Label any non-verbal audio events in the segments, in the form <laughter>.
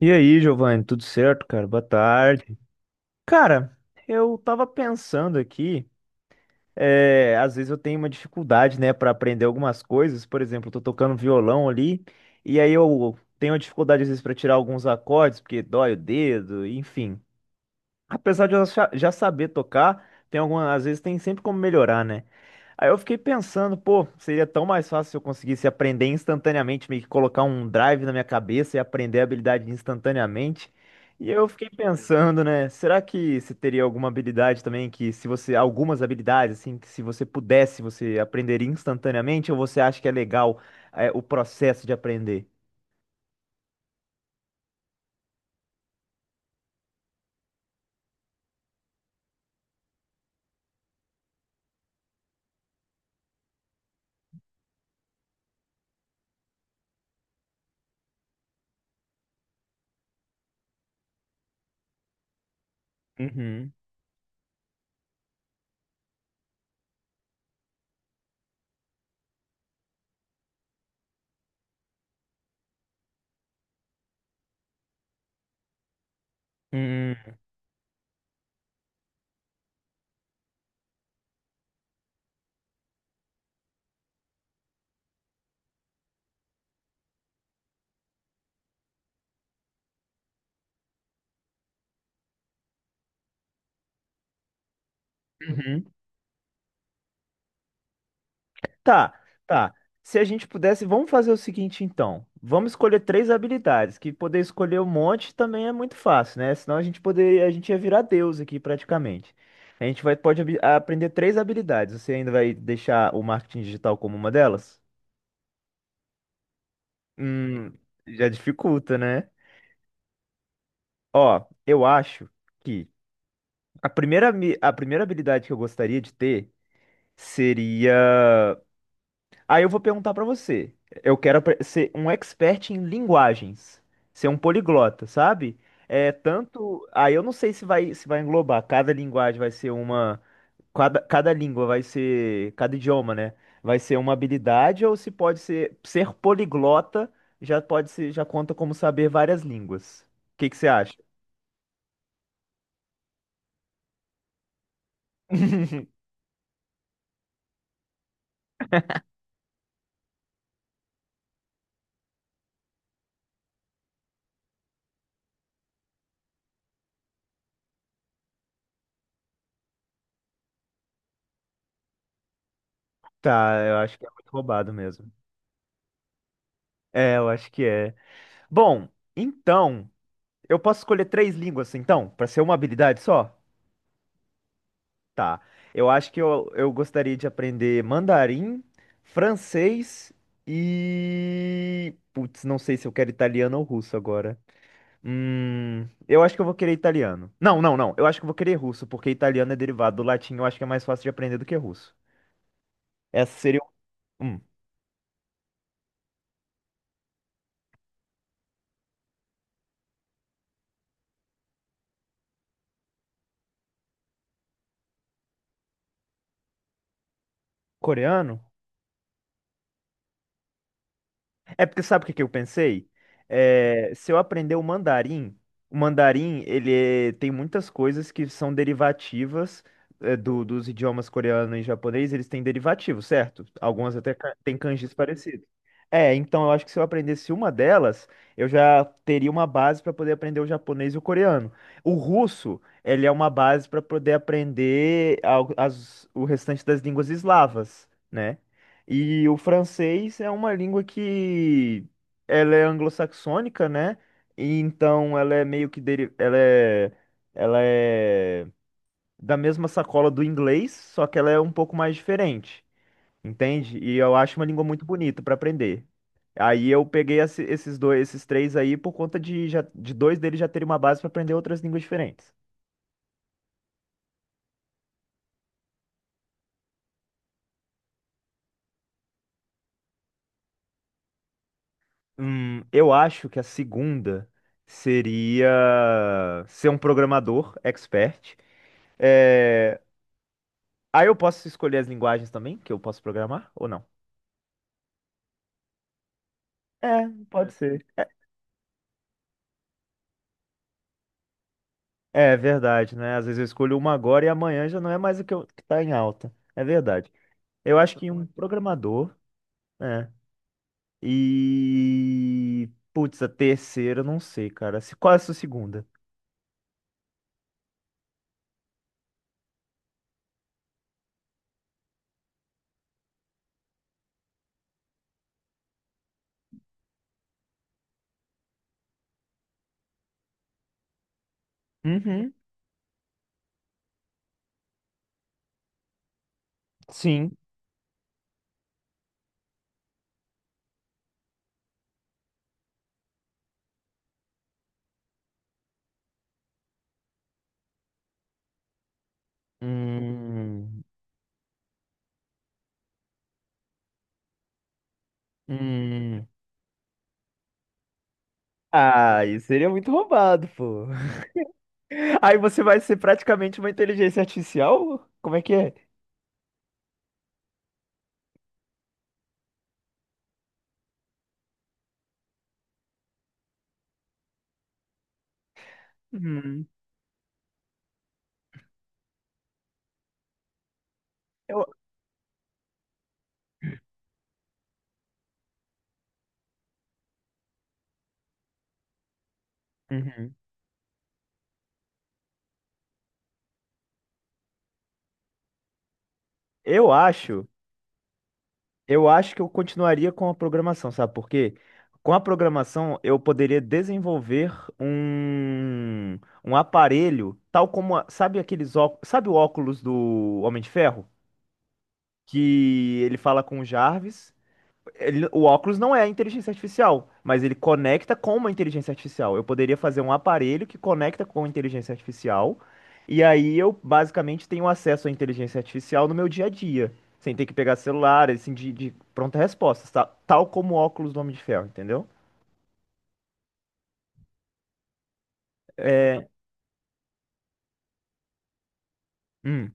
E aí, Giovanni, tudo certo, cara? Boa tarde. Cara, eu tava pensando aqui, às vezes eu tenho uma dificuldade, né, pra aprender algumas coisas. Por exemplo, eu tô tocando violão ali, e aí eu tenho uma dificuldade às vezes pra tirar alguns acordes, porque dói o dedo, enfim. Apesar de eu já saber tocar, tem algumas, às vezes tem sempre como melhorar, né? Aí eu fiquei pensando, pô, seria tão mais fácil se eu conseguisse aprender instantaneamente, meio que colocar um drive na minha cabeça e aprender a habilidade instantaneamente. E eu fiquei pensando, né, será que você teria alguma habilidade também que se você, algumas habilidades assim, que se você pudesse, você aprenderia instantaneamente ou você acha que é legal, o processo de aprender? Uhum. Uhum. Uhum. Tá, tá. Se a gente pudesse, vamos fazer o seguinte então. Vamos escolher três habilidades, que poder escolher um monte também é muito fácil, né? Senão a gente poder, a gente ia virar deus aqui praticamente. A gente vai, pode aprender três habilidades. Você ainda vai deixar o marketing digital como uma delas? Hum, já dificulta, né? Ó, eu acho que a primeira, a primeira habilidade que eu gostaria de ter. Aí eu vou perguntar pra você. Eu quero ser um expert em linguagens, ser um poliglota, sabe? É tanto. Aí eu não sei se vai englobar. Cada linguagem vai ser uma. Cada língua vai ser. Cada idioma, né? Vai ser uma habilidade ou se pode ser poliglota já pode ser já conta como saber várias línguas. O que que você acha? <laughs> Tá, eu acho que é muito roubado mesmo. É, eu acho que é. Bom, então eu posso escolher três línguas, então, pra ser uma habilidade só? Tá. Eu acho que eu gostaria de aprender mandarim, francês e. Putz, não sei se eu quero italiano ou russo agora. Eu acho que eu vou querer italiano. Não, não, não. Eu acho que eu vou querer russo, porque italiano é derivado do latim. Eu acho que é mais fácil de aprender do que russo. Essa seria. Hum, coreano? É porque sabe o que que eu pensei? É, se eu aprender o mandarim tem muitas coisas que são derivativas, dos idiomas coreano e japonês, eles têm derivativos, certo? Algumas até têm kanjis parecidos. É, então eu acho que se eu aprendesse uma delas, eu já teria uma base para poder aprender o japonês e o coreano. O russo, ele é uma base para poder aprender o restante das línguas eslavas, né? E o francês é uma língua que ela é anglo-saxônica, né? E então ela é meio que ela é da mesma sacola do inglês, só que ela é um pouco mais diferente, entende? E eu acho uma língua muito bonita para aprender. Aí eu peguei esses dois, esses três aí por conta de já de dois deles já terem uma base para aprender outras línguas diferentes. Eu acho que a segunda seria ser um programador expert. É... Aí eu posso escolher as linguagens também que eu posso programar ou não? É, pode ser. É verdade, né? Às vezes eu escolho uma agora e amanhã já não é mais o que, eu, que tá em alta. É verdade. Eu acho que um programador, né? E. Putz, a terceira, eu não sei, cara. Qual é a sua segunda? Uhum, sim. Hum, hum. Ah, isso seria muito roubado, pô. <laughs> Aí você vai ser praticamente uma inteligência artificial? Como é que é? Uhum. Eu... Uhum. Eu acho, eu acho que eu continuaria com a programação, sabe por quê? Com a programação eu poderia desenvolver um, um aparelho, tal como, sabe aqueles óculos, sabe o óculos do Homem de Ferro? Que ele fala com o Jarvis, o óculos não é inteligência artificial, mas ele conecta com uma inteligência artificial. Eu poderia fazer um aparelho que conecta com a inteligência artificial, e aí eu basicamente tenho acesso à inteligência artificial no meu dia a dia, sem ter que pegar celular, assim, de pronta resposta, tá? Tal como o óculos do Homem de Ferro, entendeu? É. Hum,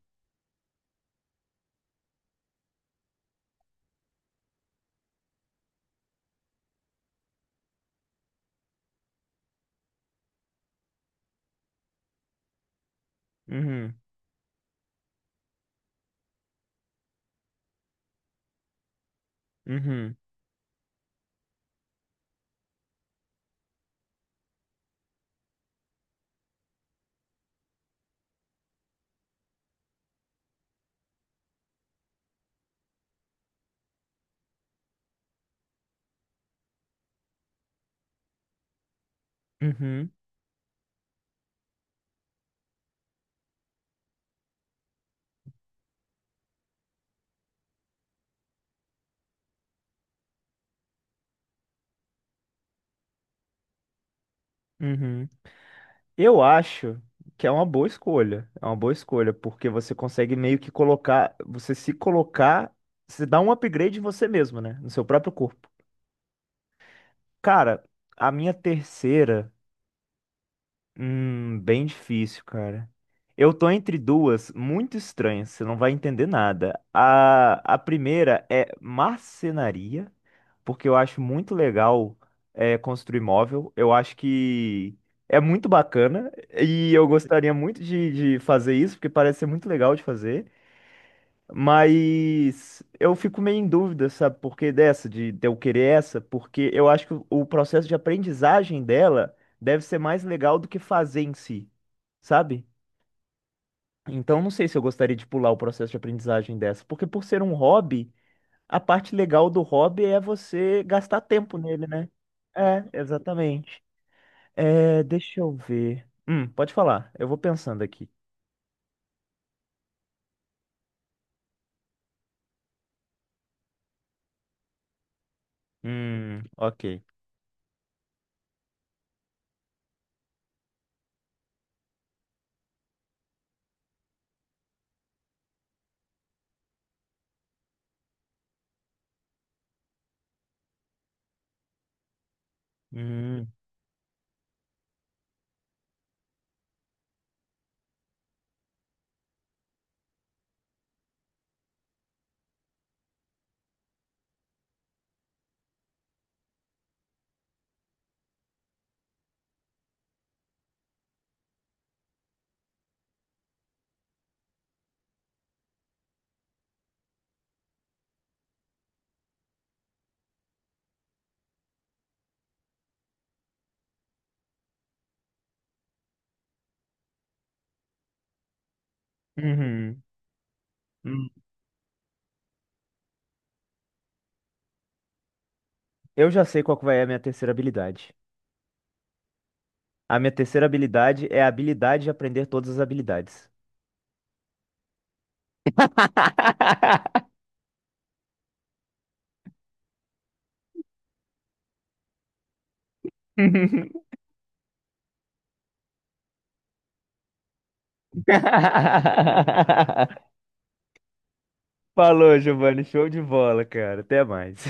uhum, uhum, uhum, uhum. Eu acho que é uma boa escolha. É uma boa escolha, porque você consegue meio que colocar, você se colocar, você dá um upgrade em você mesmo, né? No seu próprio corpo. Cara, a minha terceira. Bem difícil, cara. Eu tô entre duas muito estranhas, você não vai entender nada. A primeira é marcenaria, porque eu acho muito legal, construir móvel. Eu acho que é muito bacana e eu gostaria muito de fazer isso, porque parece ser muito legal de fazer. Mas eu fico meio em dúvida, sabe, por que dessa, de eu querer essa, porque eu acho que o processo de aprendizagem dela deve ser mais legal do que fazer em si, sabe? Então não sei se eu gostaria de pular o processo de aprendizagem dessa, porque por ser um hobby, a parte legal do hobby é você gastar tempo nele, né? É, exatamente. É, deixa eu ver. Pode falar, eu vou pensando aqui. Ok. Hum, uhum, uhum. Eu já sei qual que vai ser a minha terceira habilidade. A minha terceira habilidade é a habilidade de aprender todas as habilidades. <laughs> Falou, Giovanni. Show de bola, cara. Até mais.